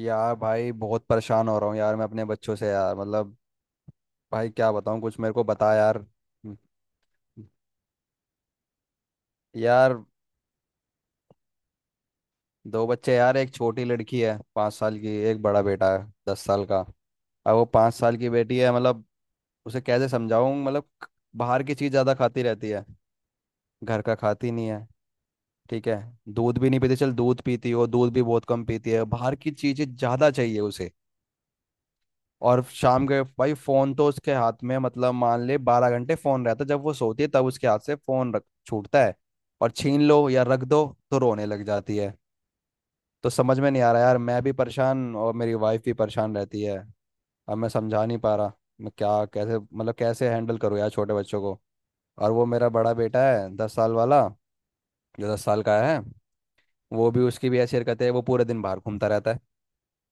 यार भाई, बहुत परेशान हो रहा हूँ यार। मैं अपने बच्चों से यार, मतलब भाई क्या बताऊँ? कुछ मेरे को बता यार। यार दो बच्चे यार, एक छोटी लड़की है 5 साल की, एक बड़ा बेटा है 10 साल का। अब वो 5 साल की बेटी है, मतलब उसे कैसे समझाऊँ? मतलब बाहर की चीज़ ज़्यादा खाती रहती है, घर का खाती नहीं है। ठीक है, दूध भी नहीं पीती, चल दूध पीती हो, दूध भी बहुत कम पीती है, बाहर की चीज़ें ज़्यादा चाहिए उसे। और शाम के भाई, फोन तो उसके हाथ में, मतलब मान ले 12 घंटे फोन रहता है। जब वो सोती है तब उसके हाथ से फोन रख छूटता है। और छीन लो या रख दो तो रोने लग जाती है। तो समझ में नहीं आ रहा यार। मैं भी परेशान और मेरी वाइफ भी परेशान रहती है। अब मैं समझा नहीं पा रहा, मैं क्या, कैसे, मतलब कैसे हैंडल करूँ यार छोटे बच्चों को। और वो मेरा बड़ा बेटा है, 10 साल वाला, जो 10 साल का है, वो भी, उसकी भी ऐसी हरकत है, वो पूरे दिन बाहर घूमता रहता है।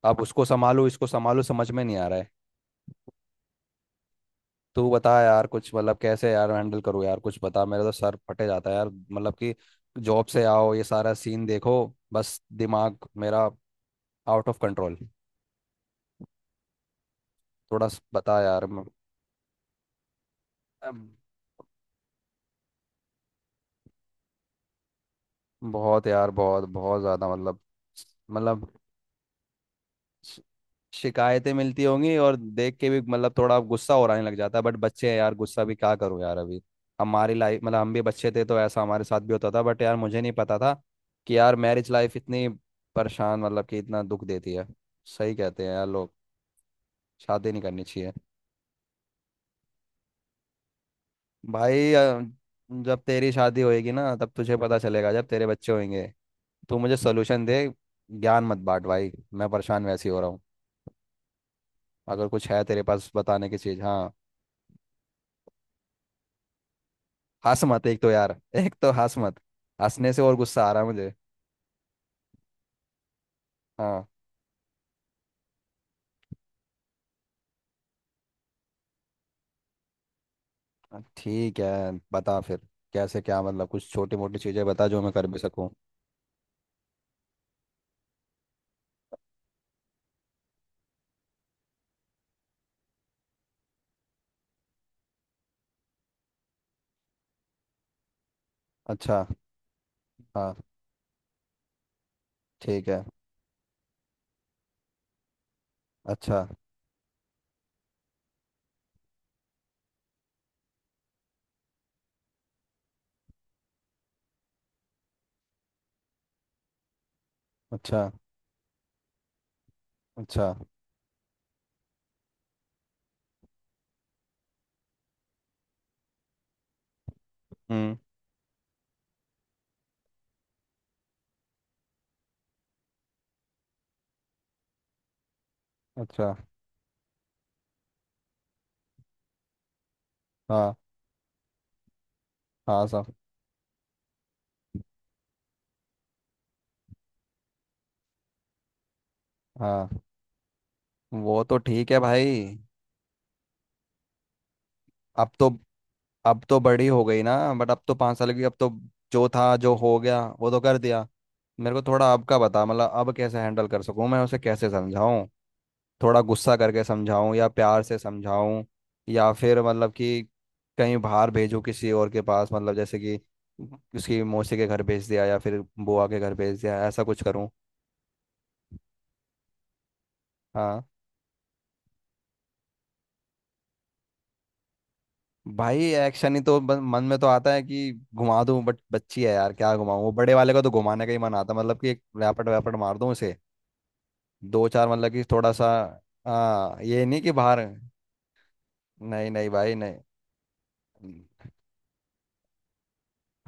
अब उसको संभालो, इसको संभालो, समझ में नहीं आ रहा है। तू बता यार कुछ, मतलब कैसे यार हैंडल करूँ यार, कुछ बता। मेरा तो सर फटे जाता है यार, मतलब कि जॉब से आओ ये सारा सीन देखो, बस दिमाग मेरा आउट ऑफ कंट्रोल। थोड़ा बता यार अम, बहुत यार, बहुत बहुत ज़्यादा मतलब। मतलब श- शिकायतें मिलती होंगी और देख के भी मतलब थोड़ा गुस्सा हो, आने लग जाता है। बट बच्चे हैं यार, गुस्सा भी क्या करूं यार अभी। हमारी लाइफ, मतलब हम भी बच्चे थे तो ऐसा हमारे साथ भी होता था, बट यार मुझे नहीं पता था कि यार मैरिज लाइफ इतनी परेशान, मतलब कि इतना दुख देती है। सही कहते हैं यार लोग, शादी नहीं करनी चाहिए। भाई, जब तेरी शादी होएगी ना तब तुझे पता चलेगा, जब तेरे बच्चे होंगे। तू मुझे सोल्यूशन दे, ज्ञान मत बांट भाई, मैं परेशान वैसे ही हो रहा हूँ। अगर कुछ है तेरे पास बताने की चीज़, हाँ। हंस मत, एक तो यार, एक तो हंस मत, हंसने से और गुस्सा आ रहा है मुझे। हाँ। ठीक है, बता फिर, कैसे क्या, मतलब कुछ छोटी मोटी चीज़ें बता जो मैं कर भी सकूं। अच्छा। हाँ। ठीक है। अच्छा, अच्छा। अच्छा। हम्म। अच्छा। हाँ। हाँ सब। हाँ, वो तो ठीक है भाई। अब तो, अब तो बड़ी हो गई ना, बट अब तो 5 साल की, अब तो जो था जो हो गया वो तो कर दिया। मेरे को थोड़ा अब का बता, मतलब अब कैसे हैंडल कर सकूं, मैं उसे कैसे समझाऊं? थोड़ा गुस्सा करके समझाऊं या प्यार से समझाऊं? या फिर मतलब कि कहीं बाहर भेजूं किसी और के पास, मतलब जैसे कि उसकी मौसी के घर भेज दिया या फिर बुआ के घर भेज दिया, ऐसा कुछ करूं? हाँ। भाई एक्शन ही तो मन में तो आता है कि घुमा दूं, बट बच्ची है यार, क्या घुमाऊं। वो बड़े वाले का तो घुमाने का ही मन आता है, मतलब कि एक रैपट वैपट मार दूं उसे, दो चार, मतलब कि थोड़ा सा। हाँ ये नहीं कि बाहर। नहीं नहीं भाई, नहीं।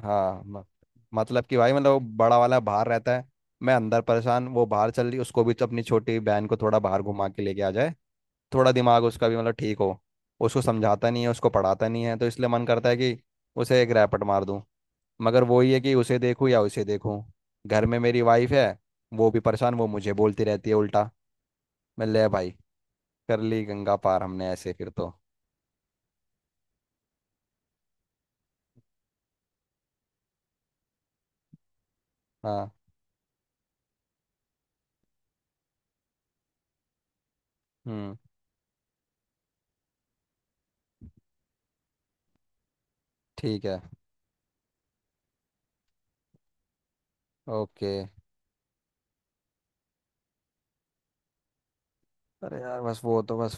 हाँ, मतलब कि भाई, मतलब वो बड़ा वाला बाहर रहता है, मैं अंदर परेशान, वो बाहर चल रही, उसको भी तो अपनी छोटी बहन को थोड़ा बाहर घुमा के लेके आ जाए, थोड़ा दिमाग उसका भी मतलब ठीक हो। उसको समझाता नहीं है, उसको पढ़ाता नहीं है, तो इसलिए मन करता है कि उसे एक रैपट मार दूं। मगर वही है कि उसे देखूं या उसे देखूं। घर में मेरी वाइफ है, वो भी परेशान, वो मुझे बोलती रहती है उल्टा। मैं ले भाई, कर ली गंगा पार हमने ऐसे फिर तो। हाँ। हम्म। ठीक है। ओके। अरे यार बस वो तो बस।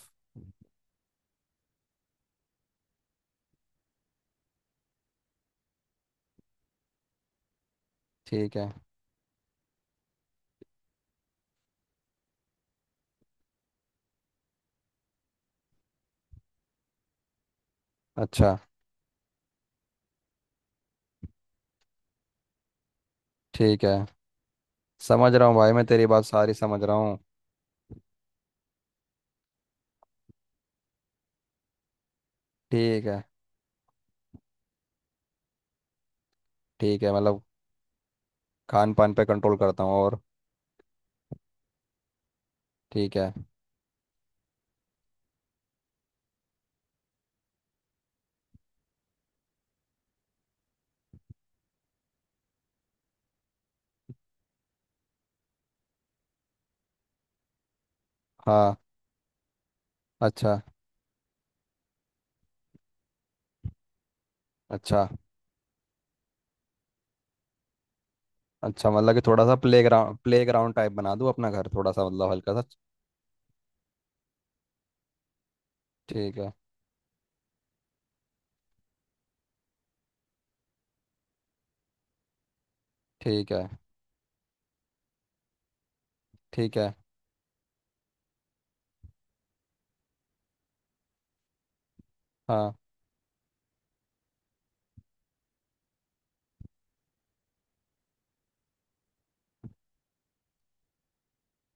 ठीक है। अच्छा। ठीक है, समझ रहा हूँ भाई, मैं तेरी बात सारी समझ रहा हूँ। ठीक है। ठीक है, मतलब खान पान पे कंट्रोल करता हूँ, और ठीक है। हाँ। अच्छा, अच्छा। अच्छा मतलब कि थोड़ा सा playground, playground type बना दूँ अपना घर, थोड़ा सा मतलब हल्का सा। ठीक है। ठीक है। ठीक है। हाँ।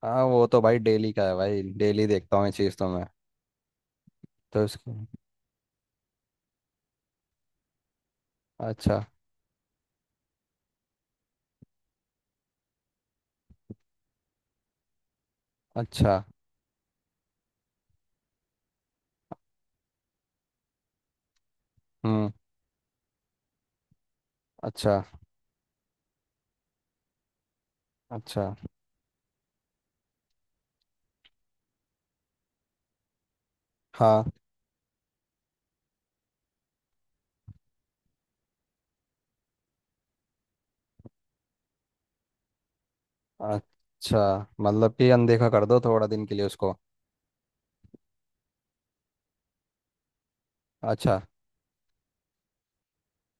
हाँ वो तो भाई डेली का है भाई, डेली देखता हूँ ये चीज़ तो मैं। तो इसको, अच्छा। अच्छा। हम्म। अच्छा। अच्छा। हाँ। अच्छा मतलब कि अनदेखा कर दो थोड़ा दिन के लिए उसको। अच्छा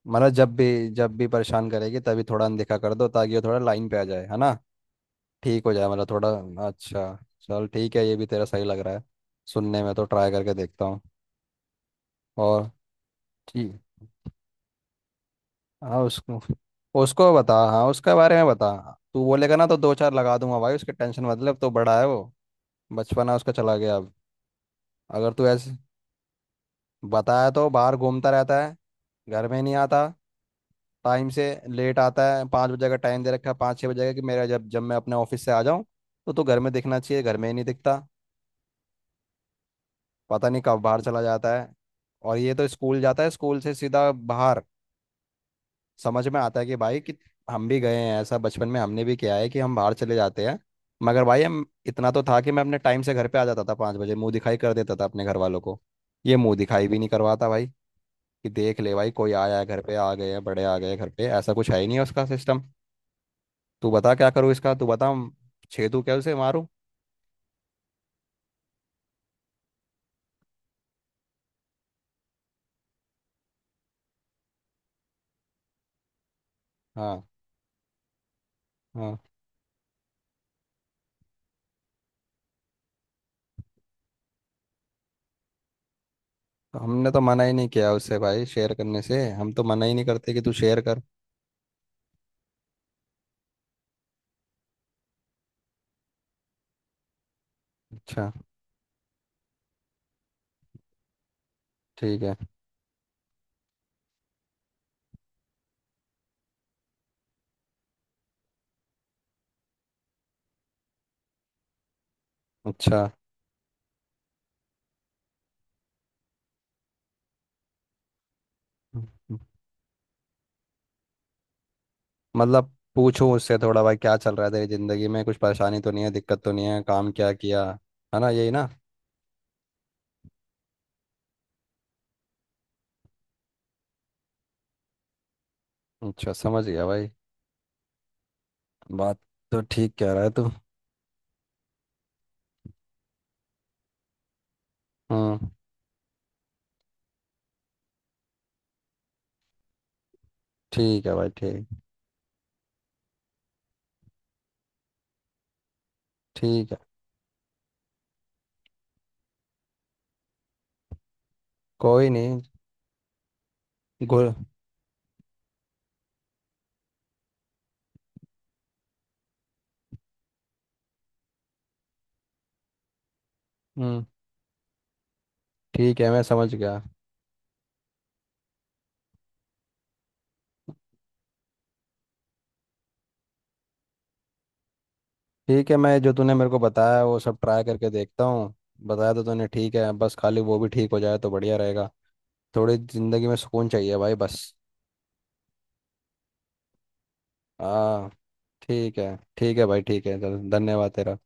मतलब जब भी, जब भी परेशान करेगी तभी थोड़ा अनदेखा कर दो, ताकि वो थोड़ा लाइन पे आ जाए, है ना, ठीक हो जाए, मतलब थोड़ा। अच्छा, चल ठीक है, ये भी तेरा सही लग रहा है सुनने में, तो ट्राई करके देखता हूँ। और ठीक। हाँ उसको, उसको बता, हाँ उसके बारे में बता। तू बोलेगा ना तो दो चार लगा दूंगा भाई, उसकी टेंशन मतलब, तो बड़ा है वो, बचपना उसका चला गया अब। अगर तू ऐसे, बताया तो बाहर घूमता रहता है, घर में नहीं आता, टाइम से लेट आता है। 5 बजे का टाइम दे रखा है, 5-6 बजे का, कि मेरा जब जब मैं अपने ऑफिस से आ जाऊँ तो घर में दिखना चाहिए, घर में ही नहीं दिखता, पता नहीं कब बाहर चला जाता है। और ये तो स्कूल जाता है, स्कूल से सीधा बाहर। समझ में आता है कि भाई कि हम भी गए हैं, ऐसा बचपन में हमने भी किया है कि हम बाहर चले जाते हैं, मगर भाई हम इतना तो था कि मैं अपने टाइम से घर पे आ जाता था, 5 बजे मुंह दिखाई कर देता था अपने घर वालों को। ये मुंह दिखाई भी नहीं करवाता भाई, कि देख ले भाई कोई आया है, घर पे आ गए हैं, बड़े आ गए हैं घर पे, ऐसा कुछ है ही नहीं है उसका सिस्टम। तू बता क्या करूँ इसका, तू बता, हम छेदू क्या, उसे मारूं? हाँ। हाँ तो हमने तो मना ही नहीं किया उससे भाई, शेयर करने से हम तो मना ही नहीं करते कि तू शेयर कर। अच्छा। ठीक है। अच्छा मतलब पूछूं उससे थोड़ा, भाई क्या चल रहा है तेरी जिंदगी में, कुछ परेशानी तो नहीं है, दिक्कत तो नहीं है, काम क्या किया, है ना, यही ना? अच्छा, समझ गया भाई बात, तो ठीक कह रहा है तू। हम्म। ठीक है भाई, ठीक। ठीक है। कोई नहीं। गुल। हम्म। ठीक है, मैं समझ गया। ठीक है, मैं जो तूने मेरे को बताया वो सब ट्राई करके देखता हूँ, बताया तो तूने ठीक है। बस खाली वो भी ठीक हो जाए तो बढ़िया रहेगा, थोड़ी ज़िंदगी में सुकून चाहिए भाई बस। हाँ। ठीक है, ठीक है भाई, ठीक है चल, धन्यवाद तेरा।